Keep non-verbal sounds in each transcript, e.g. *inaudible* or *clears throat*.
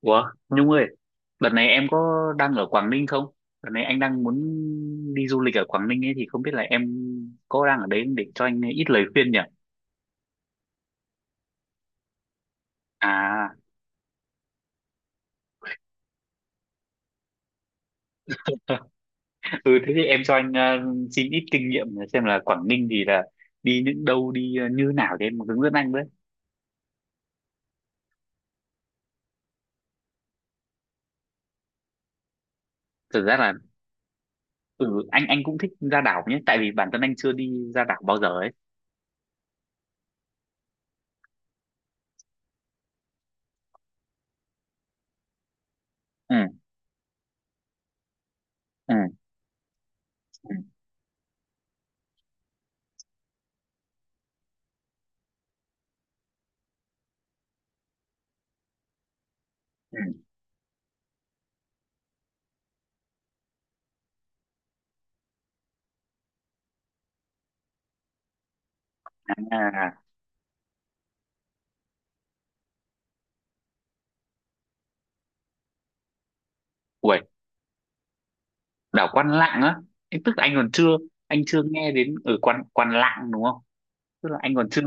Ủa, Nhung ơi, đợt này em có đang ở Quảng Ninh không? Đợt này anh đang muốn đi du lịch ở Quảng Ninh ấy thì không biết là em có đang ở đấy không để cho anh ít lời khuyên nhỉ? À, *laughs* ừ, thế thì em cho anh xin ít kinh nghiệm xem là Quảng Ninh thì là đi những đâu, đi như nào thì em hướng dẫn anh với. Thực ra là ừ, anh cũng thích ra đảo nhé, tại vì bản thân anh chưa đi ra đảo bao giờ ấy. Ừ, ừ, ừ. Ừ. À, ui, đảo Quan Lạng á, tức là anh còn chưa, anh chưa nghe đến ở Quan Quan Lạng đúng không? Tức là anh còn chưa,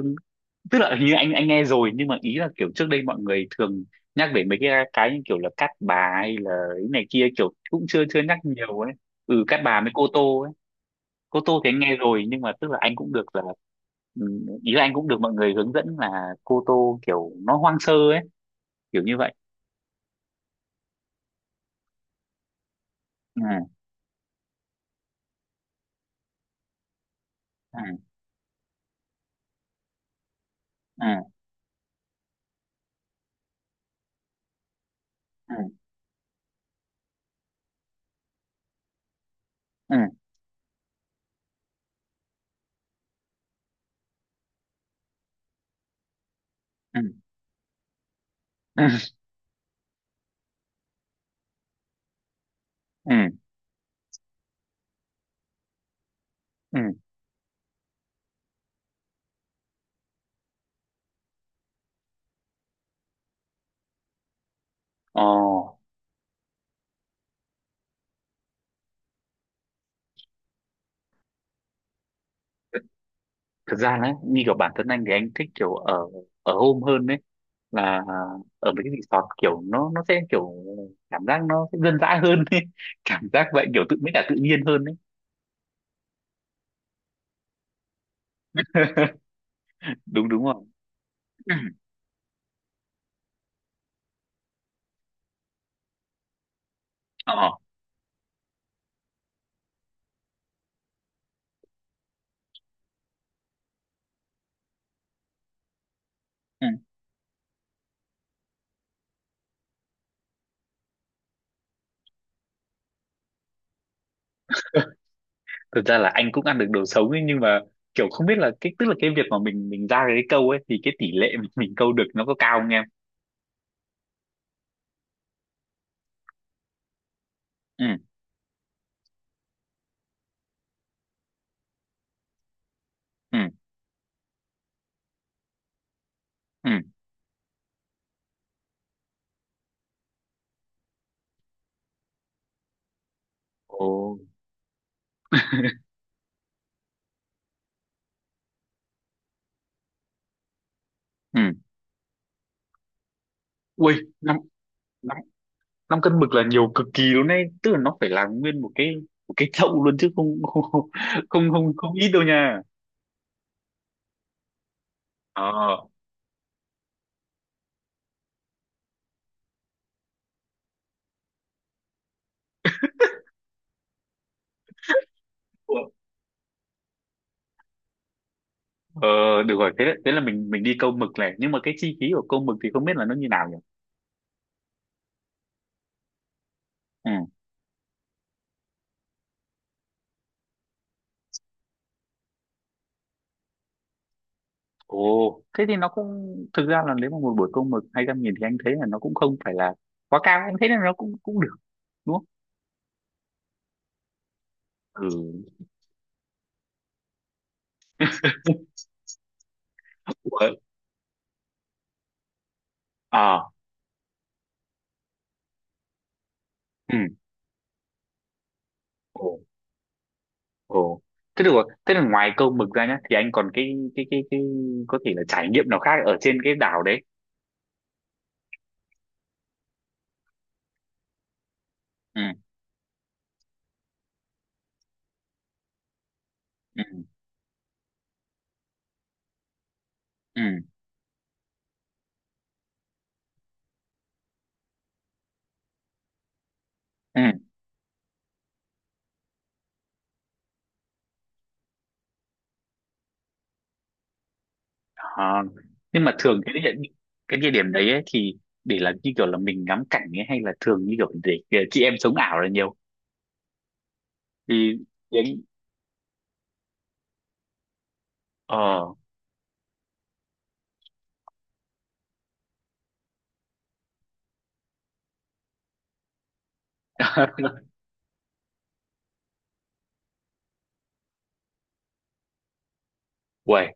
tức là hình như anh nghe rồi nhưng mà ý là kiểu trước đây mọi người thường nhắc về mấy cái như kiểu là Cát Bà hay là cái này kia, kiểu cũng chưa chưa nhắc nhiều ấy. Ừ, Cát Bà với Cô Tô ấy. Cô Tô thì anh nghe rồi nhưng mà tức là anh cũng được là ừ, ý là anh cũng được mọi người hướng dẫn là Cô Tô kiểu nó hoang sơ ấy, kiểu như vậy. Ừ, ừ, ừ, ừ, ừ, ừ, ừ, ừ, ừ. ờ Thực ra là như kiểu bản thân anh thì anh thích kiểu ở, ở home hơn đấy, là ở mấy cái resort kiểu nó sẽ kiểu cảm giác nó sẽ dân dã hơn ấy. *laughs* Cảm giác vậy, kiểu tự mới cả tự nhiên hơn đấy, đúng đúng không. Ừ. *clears throat* Ờ. Ừ. Thực ra là anh cũng ăn được đồ sống ấy, nhưng mà kiểu không biết là cái, tức là cái việc mà mình ra cái câu ấy thì cái tỷ lệ mà *laughs* mình câu được nó có cao không em. Ừ, ừ, ừ, ồ, ừ, ui, năm 5 cân mực là nhiều cực kỳ luôn đấy, tức là nó phải là nguyên một cái, một cái chậu luôn chứ không *laughs* không không. Không không, ít đâu nha. Ờ, ờ, được rồi, thế thế là mình đi câu mực này, nhưng mà cái chi phí của câu mực thì không biết là nó như nào nhỉ. Ừ, ồ, thế thì nó cũng, thực ra là nếu mà một buổi câu mực 200.000 thì anh thấy là nó cũng không phải là quá cao, anh thấy là nó cũng cũng được, đúng không. Ừ. Ủa? À, ừ. Ồ. Ồ. Thế được rồi. Thế là ngoài câu mực ra nhá thì anh còn cái có thể là trải nghiệm nào khác ở trên cái đảo đấy. Ừ, ừ, ừ, ừ. À, nhưng mà thường cái địa, cái địa điểm đấy ấy, thì để là như kiểu là mình ngắm cảnh ấy hay là thường như kiểu để chị em sống ảo là nhiều thì thì anh ờ *laughs* Uầy,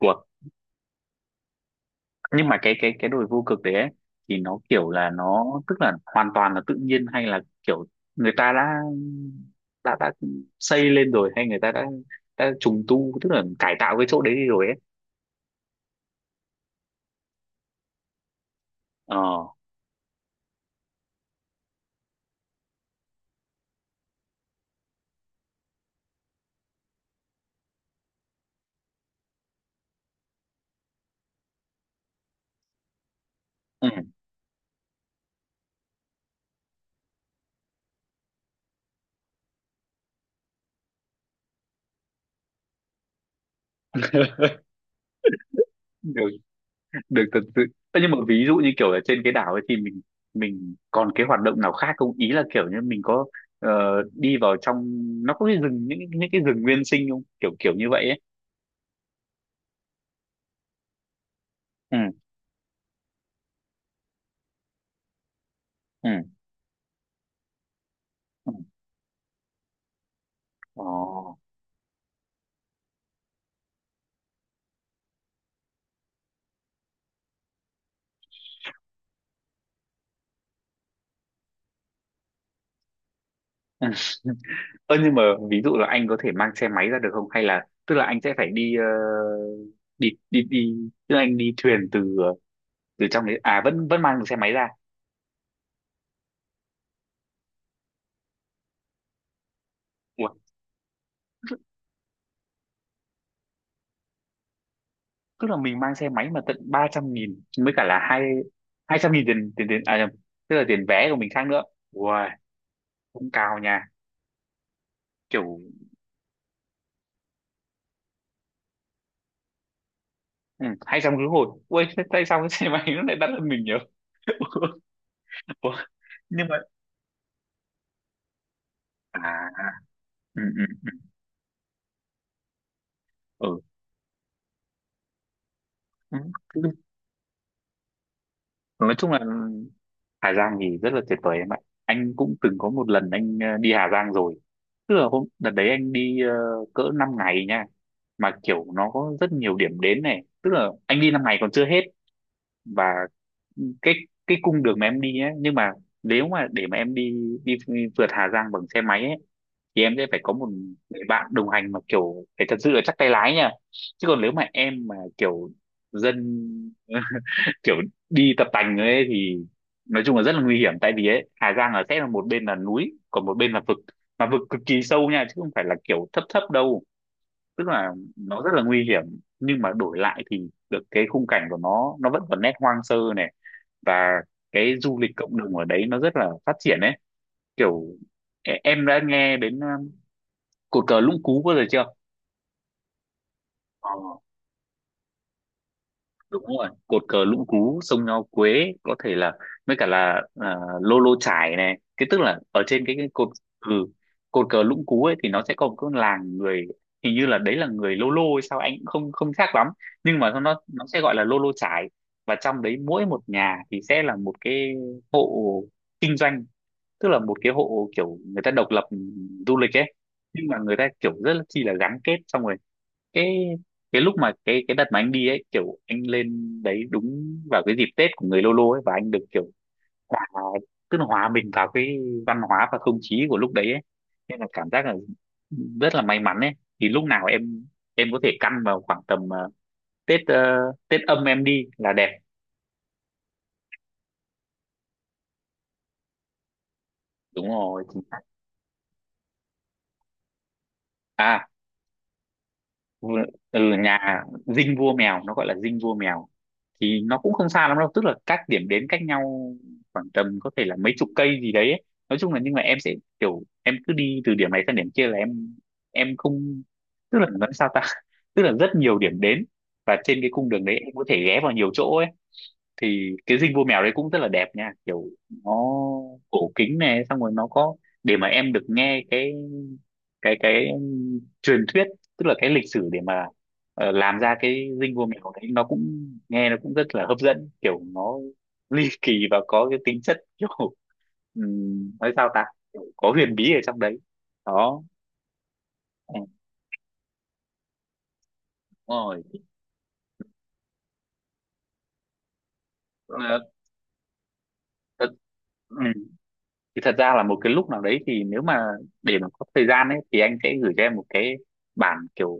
uầy. Nhưng mà cái đồi vô cực đấy ấy, thì nó kiểu là nó, tức là hoàn toàn là tự nhiên hay là kiểu người ta đã đã đã xây lên rồi hay người ta đã trùng tu, tức là cải tạo cái chỗ đấy đi rồi ấy. Ờ, ừ. *laughs* Được, được thật sự. Ơ, nhưng mà ví dụ như kiểu là trên cái đảo ấy thì mình còn cái hoạt động nào khác không, ý là kiểu như mình có ờ, đi vào trong, nó có cái rừng, những cái rừng nguyên sinh không, kiểu kiểu như vậy ấy. Ừ, ừ, ừ, ờ. Ơ nhưng mà ví dụ là anh có thể mang xe máy ra được không? Hay là tức là anh sẽ phải đi đi, tức là anh đi thuyền từ từ trong đấy à, vẫn vẫn mang được xe máy ra. Ủa, tức là mình mang xe máy mà tận 300.000 mới cả là hai 200.000 tiền tiền tiền, à nhầm, tức là tiền vé của mình khác nữa. Ui, cũng cao nha. Kiểu ừ, 200 khứ hồi. Ui, thế tại sao cái *laughs* xe máy nó lại đắt hơn mình nhỉ? *laughs* Ủa, nhưng mà à, à, ừ, ừ, ừ. Ừ. Nói chung là Hà Giang thì rất là tuyệt vời em ạ, anh cũng từng có một lần anh đi Hà Giang rồi, tức là hôm đợt đấy anh đi cỡ 5 ngày nha, mà kiểu nó có rất nhiều điểm đến này, tức là anh đi 5 ngày còn chưa hết và cái cái cung đường mà em đi ấy, nhưng mà nếu mà để mà em đi đi vượt Hà Giang bằng xe máy ấy thì em sẽ phải có một người bạn đồng hành mà kiểu phải thật sự là chắc tay lái nha, chứ còn nếu mà em mà kiểu dân kiểu đi tập tành ấy thì nói chung là rất là nguy hiểm, tại vì ấy Hà Giang là sẽ là một bên là núi còn một bên là vực, mà vực cực kỳ sâu nha chứ không phải là kiểu thấp thấp đâu, tức là nó rất là nguy hiểm, nhưng mà đổi lại thì được cái khung cảnh của nó vẫn còn nét hoang sơ này, và cái du lịch cộng đồng ở đấy nó rất là phát triển ấy, kiểu em đã nghe đến cột cờ Lũng Cú bao giờ chưa, đúng rồi, cột cờ Lũng Cú, sông Nho Quế, có thể là với cả là à, Lô Lô Chải này, cái tức là ở trên cái cột ừ, cột cờ Lũng Cú ấy thì nó sẽ có một cái làng người, hình như là đấy là người Lô Lô hay sao, anh cũng không không chắc lắm, nhưng mà nó sẽ gọi là Lô Lô Chải, và trong đấy mỗi một nhà thì sẽ là một cái hộ kinh doanh, tức là một cái hộ kiểu người ta độc lập ừ, du lịch ấy, nhưng mà người ta kiểu rất là chi là gắn kết, xong rồi cái cái lúc mà cái đợt mà anh đi ấy, kiểu anh lên đấy đúng vào cái dịp Tết của người Lô Lô ấy, và anh được kiểu hòa, tức là hòa mình vào cái văn hóa và không khí của lúc đấy ấy, nên là cảm giác là rất là may mắn ấy, thì lúc nào em có thể căn vào khoảng tầm Tết Tết âm em đi là đẹp, đúng rồi chính xác. À, vừa- từ nhà dinh vua mèo, nó gọi là dinh vua mèo thì nó cũng không xa lắm đâu, tức là các điểm đến cách nhau khoảng tầm có thể là mấy chục cây gì đấy ấy. Nói chung là nhưng mà em sẽ kiểu em cứ đi từ điểm này sang điểm kia là em không tức là nói sao ta, *laughs* tức là rất nhiều điểm đến và trên cái cung đường đấy em có thể ghé vào nhiều chỗ ấy, thì cái dinh vua mèo đấy cũng rất là đẹp nha, kiểu nó cổ kính này xong rồi nó có để mà em được nghe cái, truyền thuyết, tức là cái lịch sử để mà làm ra cái dinh vua mèo đấy, nó cũng nghe nó cũng rất là hấp dẫn kiểu nó ly *laughs* kỳ và có cái tính chất kiểu nói sao ta, kiểu có huyền bí ở trong đấy đó. Ừ, đúng rồi. Ờ, thật, ừ, thì thật ra là một cái lúc nào đấy thì nếu mà để mà có thời gian ấy thì anh sẽ gửi cho em một cái bản kiểu,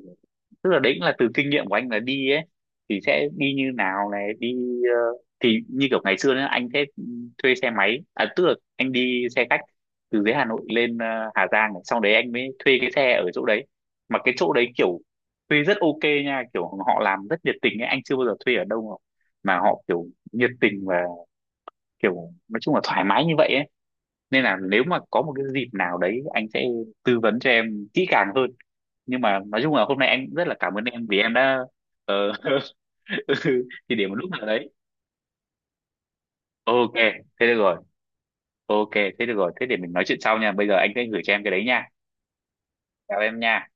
tức là đấy cũng là từ kinh nghiệm của anh là đi ấy thì sẽ đi như nào này, đi ờ, thì như kiểu ngày xưa nữa anh sẽ thuê xe máy à, tức là anh đi xe khách từ dưới Hà Nội lên Hà Giang, sau đấy anh mới thuê cái xe ở chỗ đấy, mà cái chỗ đấy kiểu thuê rất ok nha, kiểu họ làm rất nhiệt tình ấy, anh chưa bao giờ thuê ở đâu mà họ kiểu nhiệt tình và kiểu nói chung là thoải mái như vậy ấy, nên là nếu mà có một cái dịp nào đấy anh sẽ tư vấn cho em kỹ càng hơn, nhưng mà nói chung là hôm nay anh cũng rất là cảm ơn em vì em đã ờ, *laughs* thì để một lúc nào đấy. Ok thế được rồi, ok thế được rồi, thế để mình nói chuyện sau nha, bây giờ anh sẽ gửi cho em cái đấy nha, chào em nha.